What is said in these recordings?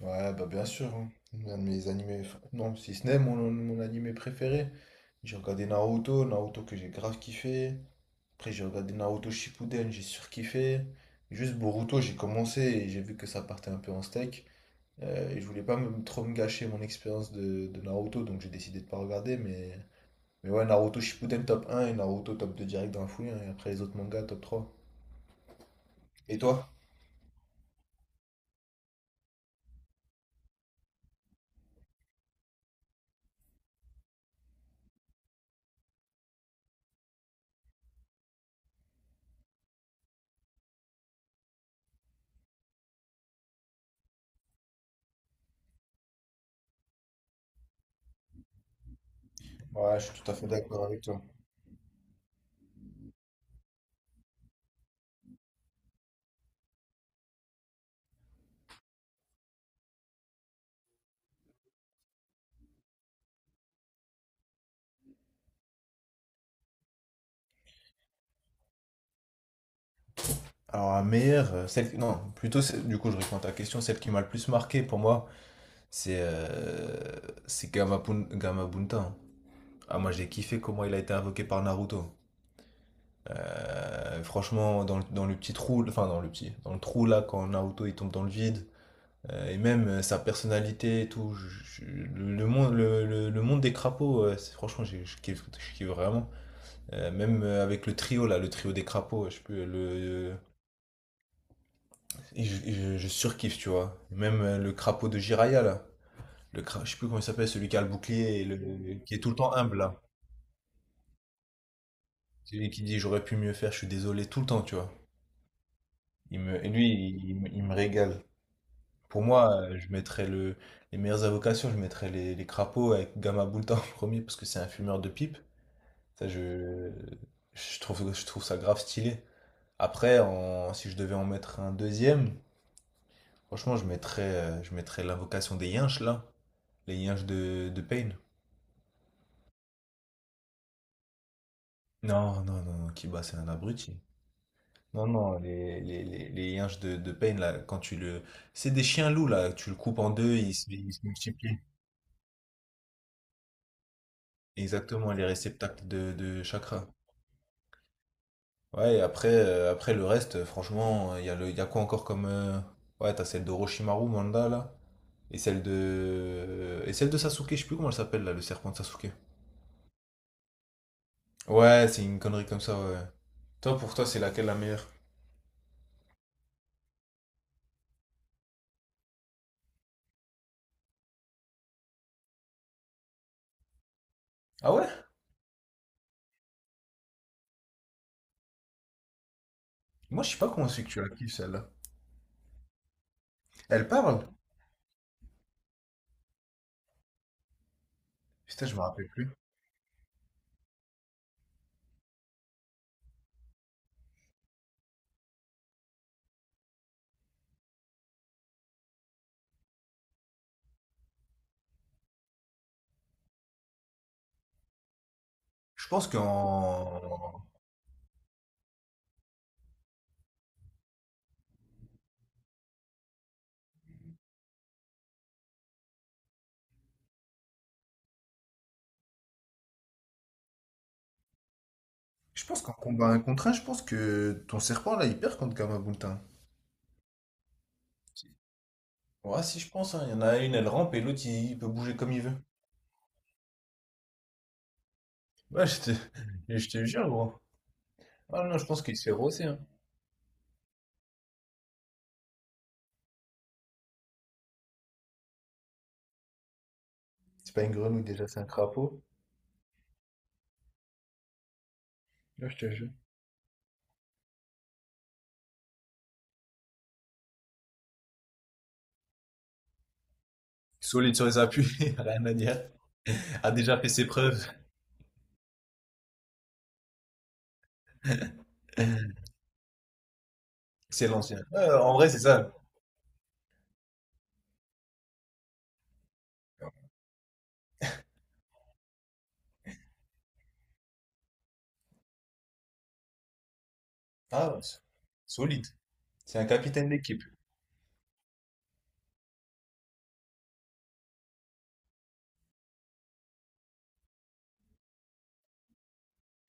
Ouais, bah bien sûr, hein. Un de mes animés, enfin, non, si ce n'est mon animé préféré. J'ai regardé Naruto, Naruto que j'ai grave kiffé. Après, j'ai regardé Naruto Shippuden, j'ai surkiffé. Juste Boruto, j'ai commencé et j'ai vu que ça partait un peu en steak. Et je voulais pas me, trop me gâcher mon expérience de Naruto, donc j'ai décidé de pas regarder. Mais ouais, Naruto Shippuden top un et Naruto top 2 direct dans la foulée, hein. Et après, les autres mangas top trois. Et toi? Ouais, je suis tout à fait d'accord avec toi. Alors, la meilleure, celle qui- non, plutôt, c'est- du coup, je réponds à ta question, celle qui m'a le plus marqué pour moi, c'est euh, c'est Gamapun- Gamabunta, hein. Ah, moi, j'ai kiffé comment il a été invoqué par Naruto. Franchement, dans le petit trou, enfin, dans le petit, dans le trou là, quand Naruto il tombe dans le vide, et même sa personnalité et tout, le monde des crapauds, c'est- franchement, je kiffe vraiment. Même avec le trio là, le trio des crapauds, je sais plus, le. euh, Et je surkiffe, tu vois. Même le crapaud de Jiraya, là. Le cra... Je sais plus comment il s'appelle, celui qui a le bouclier et le- qui est tout le temps humble, là. Celui qui dit j'aurais pu mieux faire, je suis désolé tout le temps, tu vois. Il me... Et lui, il, il me régale. Pour moi, je mettrais le... les meilleures invocations, je mettrais les crapauds avec Gamma Boulta en premier parce que c'est un fumeur de pipe. Ça, je trouve ça grave stylé. Après, en- si je devais en mettre un deuxième, franchement, je mettrais l'invocation des Yinches, là. Les Yinches de Pain. Non, non, non, non, Kiba, c'est un abruti. Non, non, les yinches de Pain, là, quand tu le... C'est des chiens loups, là, tu le coupes en deux, ils se multiplient. Exactement, les réceptacles de chakras. Ouais, et après, après le reste, franchement, il y a le, il y a quoi encore comme... Ouais, t'as celle de Roshimaru, Manda, là, et celle de... Et celle de Sasuke, je sais plus comment elle s'appelle, là, le serpent de Sasuke. Ouais, c'est une connerie comme ça, ouais. Toi, pour toi, c'est laquelle la meilleure? Ah ouais? Moi, je sais pas comment c'est que tu la kiffes, celle-là. Elle parle? Putain, je me rappelle plus. Je pense qu'en je pense qu'en combat un contre un, je pense que ton serpent là, il perd contre Gamabuntin. Ouais, si je pense, hein. Il y en a une, elle rampe et l'autre, il peut bouger comme il veut. Ouais, je te, je te jure, gros. Ah non, je pense qu'il s'est rossé, hein. C'est pas une grenouille déjà, c'est un crapaud. Ouais, je te jure. Solide sur les appuis, rien à dire. A déjà fait ses preuves. C'est l'ancien. Ouais, en vrai, c'est ça. Ah, ouais, c'est- solide. C'est un capitaine d'équipe.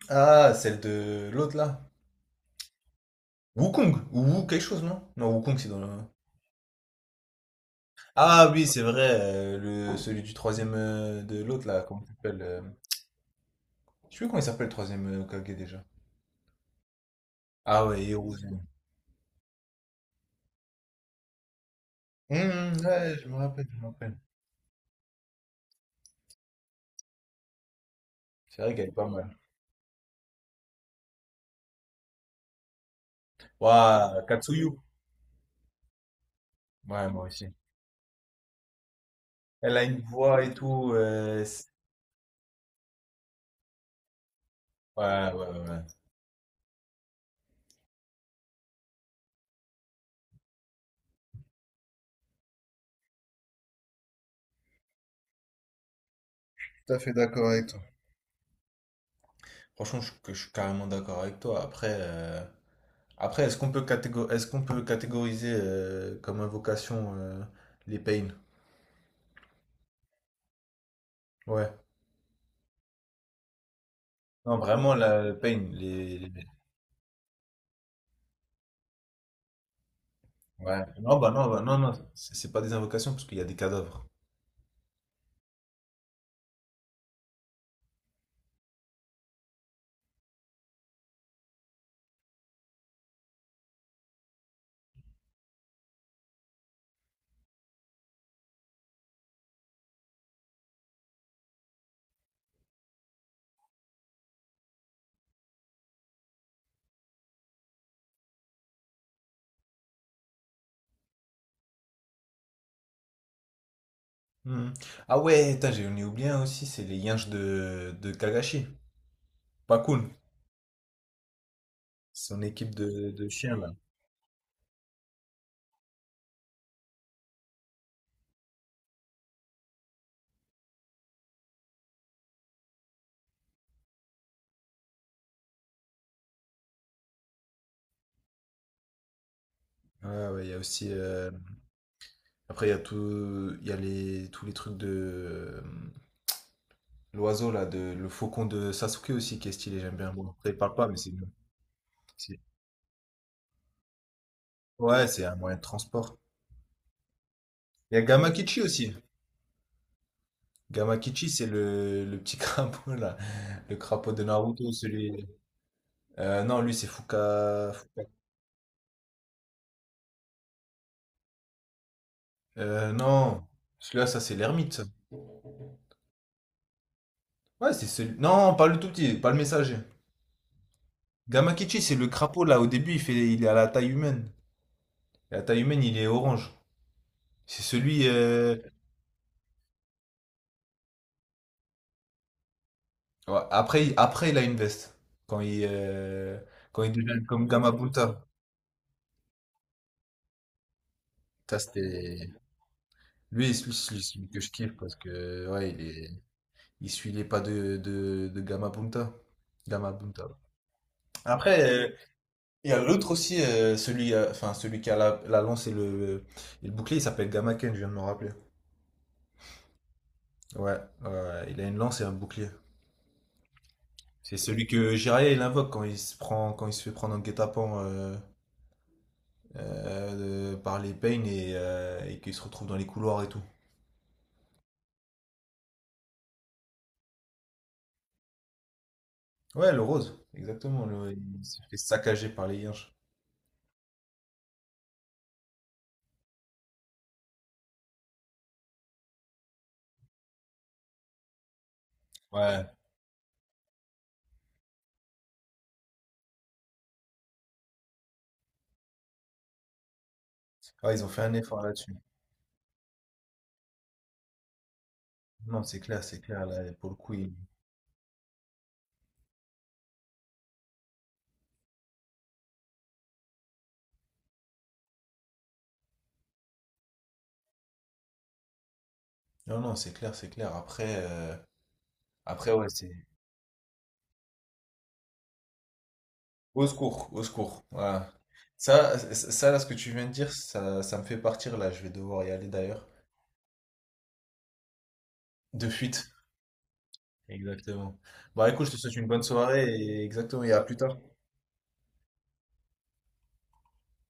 Ah, celle de l'autre là. Wukong ou Wu quelque chose, non? Non, Wukong, c'est dans le... Ah oui, c'est vrai, le, celui du troisième de l'autre là, comment il s'appelle Je sais plus comment il s'appelle le troisième Hokage déjà. Ah ouais, Hiruzen. Ouais, je me rappelle. C'est vrai qu'elle est pas mal. Waouh, Katsuyu. Ouais, moi aussi. Elle a une voix et tout. C'est- ouais, ouais, ouais. Tout à fait d'accord avec toi. Franchement, que je suis carrément d'accord avec toi. Après, après, est-ce qu'on peut catégoriser comme invocation les pains? Ouais. Non, vraiment la pain, les- Ouais. Non, c'est pas des invocations parce qu'il y a des cadavres. Hmm. Ah ouais, putain, j'en ai oublié un aussi, c'est les yinches de Kagashi, pas Pakun, son équipe de chiens là. Ouais, ouais, il y a aussi. Après, il y a tout, il y a les, tous les trucs de l'oiseau là, de le faucon de Sasuke aussi qui est stylé, j'aime bien. Bon, après, il parle pas, mais c'est bien. Ouais, c'est un moyen de transport. Il y a Gamakichi aussi. Gamakichi, c'est le petit crapaud là, le crapaud de Naruto, celui. Non, lui c'est Fuka... Fuka- Non, celui-là ça c'est l'ermite, ça. Ouais, c'est celui. Non, pas le tout petit, pas le messager. Gamakichi, c'est le crapaud là. Au début, il fait, il est à la taille humaine. Et à la taille humaine, il est orange. C'est celui. Ouais, après, il a une veste. Quand il, euh, quand il devient comme Gamabunta. Ça c'était. Lui, c'est celui, celui- celui que je kiffe parce que ouais, il est. Il suit les pas de Gama Punta. Gama Punta. Après, il y a l'autre aussi, celui, enfin, celui qui a la, la lance et le bouclier, il s'appelle Gama Ken, je viens de me rappeler. Ouais, ouais, il a une lance et un bouclier. C'est celui que Jiraiya il invoque quand il se prend, quand il se fait prendre en guet-apens par les Pain et qu'il se retrouve dans les couloirs et tout. Ouais, le rose, exactement, le- il se fait saccager par les Yinches. Ouais. Ouais, ils ont fait un effort là-dessus. Non, c'est clair, c'est clair. Là, pour le coup, ils, Non, non, c'est clair, c'est clair. Après, après ouais, c'est... Au secours, au secours. Voilà. Ça, ce que tu viens de dire, ça me fait partir, là. Je vais devoir y aller, d'ailleurs. De fuite. Exactement. Bah, écoute, je te souhaite une bonne soirée et exactement, et à plus tard.